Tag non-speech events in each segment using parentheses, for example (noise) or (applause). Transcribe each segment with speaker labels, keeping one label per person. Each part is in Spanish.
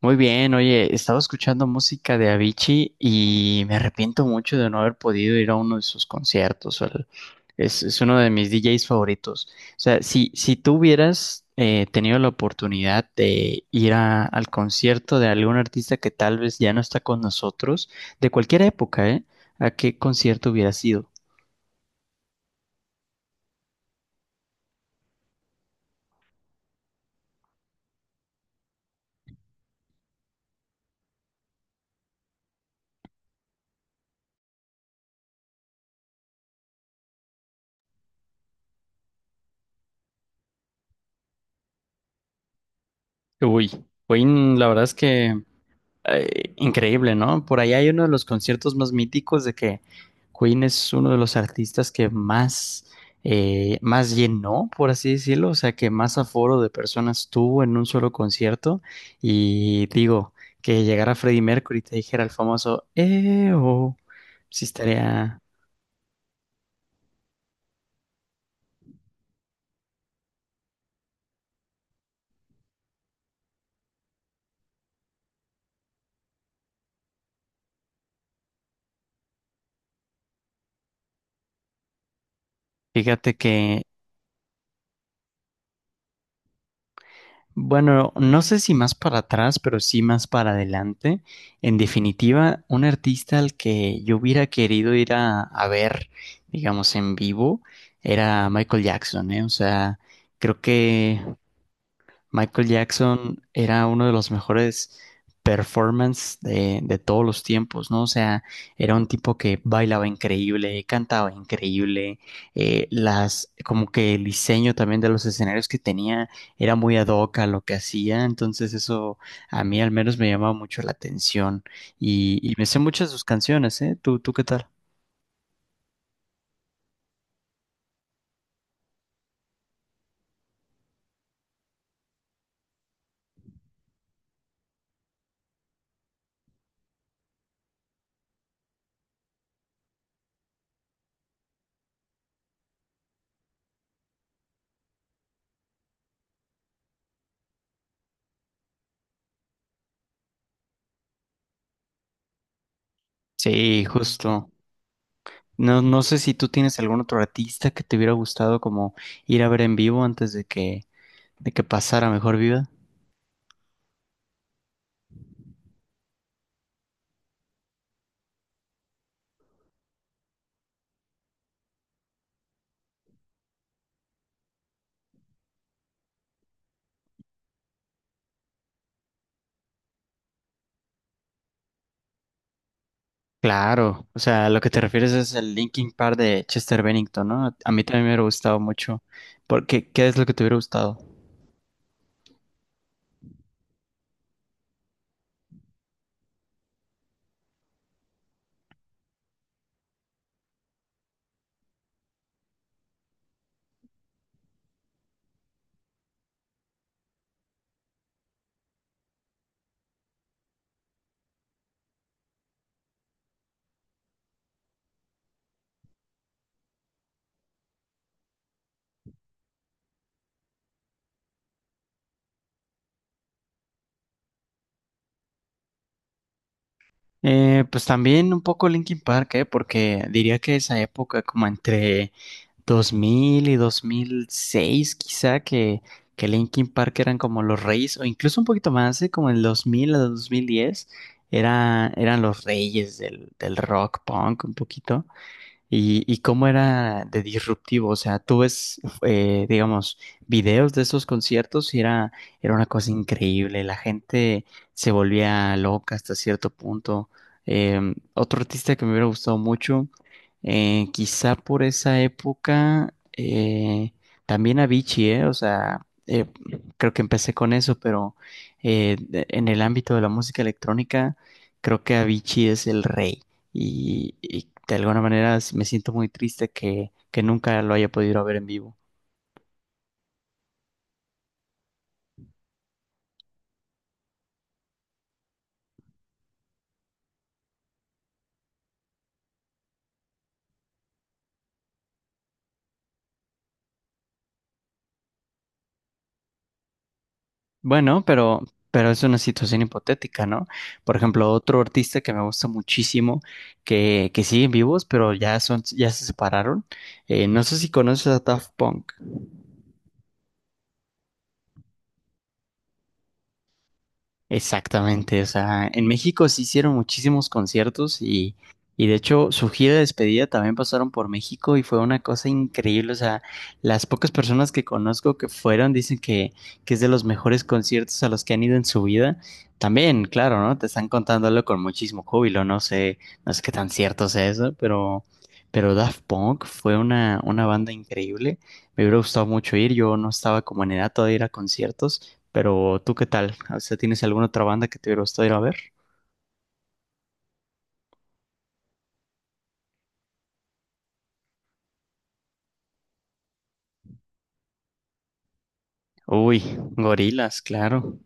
Speaker 1: Muy bien, oye, estaba escuchando música de Avicii y me arrepiento mucho de no haber podido ir a uno de sus conciertos. Es uno de mis DJs favoritos. O sea, si tú hubieras tenido la oportunidad de al concierto de algún artista que tal vez ya no está con nosotros, de cualquier época, ¿eh? ¿A qué concierto hubieras ido? Uy, uy, la verdad es que increíble, ¿no? Por ahí hay uno de los conciertos más míticos de que Queen es uno de los artistas que más, más llenó, por así decirlo, o sea, que más aforo de personas tuvo en un solo concierto. Y digo, que llegara Freddie Mercury y te dijera el famoso, oh, sí estaría, fíjate que bueno, no sé si más para atrás, pero sí más para adelante. En definitiva, un artista al que yo hubiera querido ir a ver, digamos, en vivo, era Michael Jackson, ¿eh? O sea, creo que Michael Jackson era uno de los mejores performance de todos los tiempos, ¿no? O sea, era un tipo que bailaba increíble, cantaba increíble, las, como que el diseño también de los escenarios que tenía era muy ad hoc a lo que hacía, entonces eso a mí al menos me llamaba mucho la atención y me sé muchas de sus canciones, ¿eh? ¿Tú qué tal? Sí, justo. No, no sé si tú tienes algún otro artista que te hubiera gustado como ir a ver en vivo antes de que pasara mejor vida. Claro, o sea, lo que te refieres es el Linkin Park de Chester Bennington, ¿no? A mí también me hubiera gustado mucho. Porque, ¿qué es lo que te hubiera gustado? Pues también un poco Linkin Park, ¿eh? Porque diría que esa época, como entre 2000 y 2006, quizá, que Linkin Park eran como los reyes, o incluso un poquito más, ¿eh? Como el 2000 a 2010, era, eran los reyes del rock punk, un poquito. Y cómo era de disruptivo, o sea, tú ves, digamos, videos de esos conciertos y era, era una cosa increíble, la gente se volvía loca hasta cierto punto. Otro artista que me hubiera gustado mucho, quizá por esa época, también Avicii, o sea, creo que empecé con eso, pero en el ámbito de la música electrónica, creo que Avicii es el rey y de alguna manera me siento muy triste que nunca lo haya podido ver en vivo. Bueno, pero es una situación hipotética, ¿no? Por ejemplo, otro artista que me gusta muchísimo, que siguen vivos, pero ya son, ya se separaron. No sé si conoces a Daft Punk. Exactamente, o sea, en México se hicieron muchísimos conciertos y de hecho su gira de despedida también pasaron por México y fue una cosa increíble, o sea, las pocas personas que conozco que fueron dicen que es de los mejores conciertos a los que han ido en su vida. También, claro, ¿no? Te están contándolo con muchísimo júbilo, no sé, no sé qué tan cierto sea eso, pero Daft Punk fue una banda increíble, me hubiera gustado mucho ir, yo no estaba como en edad todavía de ir a conciertos. Pero tú, ¿qué tal? O sea, ¿tienes alguna otra banda que te hubiera gustado ir a ver? Uy, Gorilas, claro.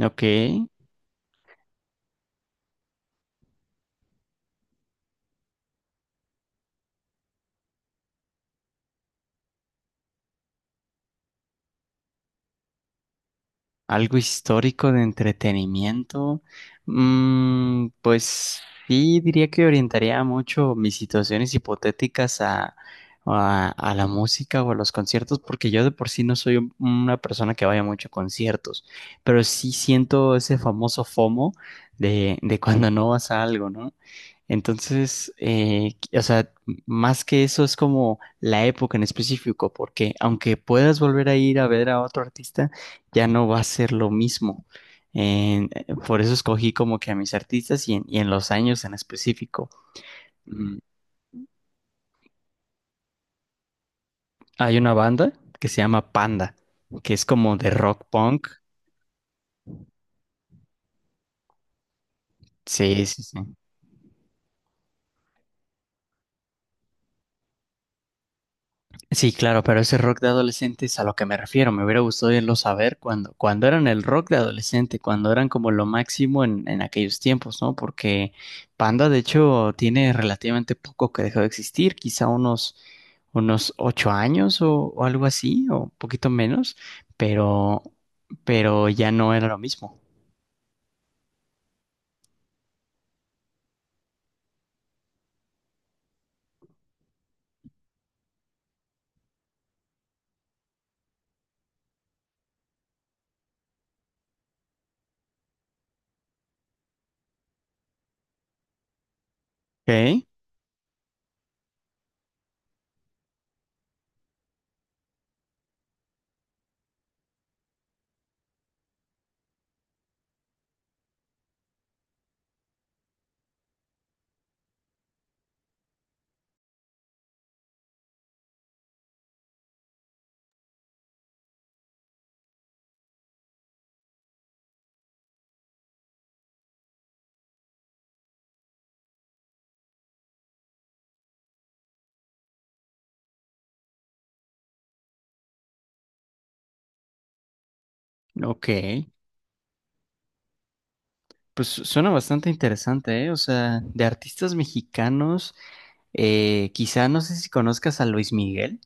Speaker 1: Ok. Algo histórico de entretenimiento. Mm, pues sí, diría que orientaría mucho mis situaciones hipotéticas a la música o a los conciertos, porque yo de por sí no soy una persona que vaya mucho a conciertos, pero sí siento ese famoso FOMO de cuando no vas a algo, ¿no? Entonces, o sea, más que eso es como la época en específico, porque aunque puedas volver a ir a ver a otro artista, ya no va a ser lo mismo. Por eso escogí como que a mis artistas y en los años en específico. Mm, hay una banda que se llama Panda, que es como de rock punk. Sí, sí, sí. Sí, claro, pero ese rock de adolescente es a lo que me refiero. Me hubiera gustado irlo saber cuando, cuando eran el rock de adolescente, cuando eran como lo máximo en aquellos tiempos, ¿no? Porque Panda, de hecho, tiene relativamente poco que dejó de existir, quizá unos, unos 8 años o algo así, o un poquito menos, pero, pero ya no era lo mismo. Ok, ok. Pues suena bastante interesante, ¿eh? O sea, de artistas mexicanos, quizá no sé si conozcas a Luis Miguel.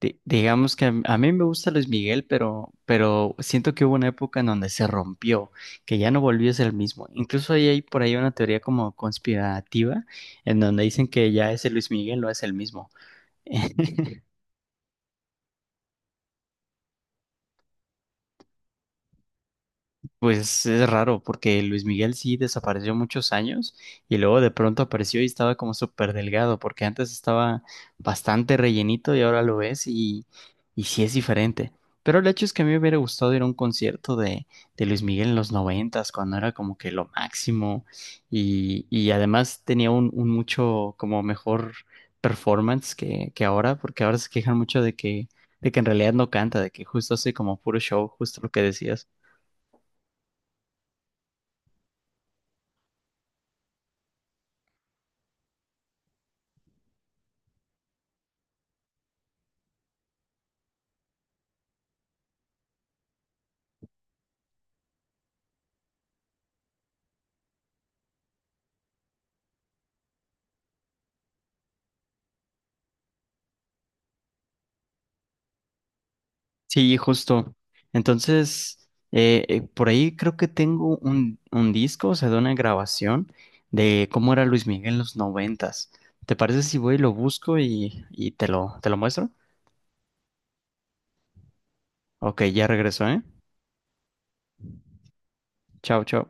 Speaker 1: Digamos que a mí me gusta Luis Miguel, pero siento que hubo una época en donde se rompió, que ya no volvió a ser el mismo. Incluso ahí hay por ahí una teoría como conspirativa, en donde dicen que ya ese Luis Miguel no es el mismo. (laughs) Pues es raro, porque Luis Miguel sí desapareció muchos años y luego de pronto apareció y estaba como súper delgado, porque antes estaba bastante rellenito y ahora lo ves y sí es diferente. Pero el hecho es que a mí me hubiera gustado ir a un concierto de Luis Miguel en los noventas, cuando era como que lo máximo y además tenía un mucho como mejor performance que ahora, porque ahora se quejan mucho de que en realidad no canta, de que justo hace como puro show, justo lo que decías. Sí, justo. Entonces, por ahí creo que tengo un disco, o sea, de una grabación de cómo era Luis Miguel en los noventas. ¿Te parece si voy y lo busco y te lo muestro? Ok, ya regreso, ¿eh? Chao, chao.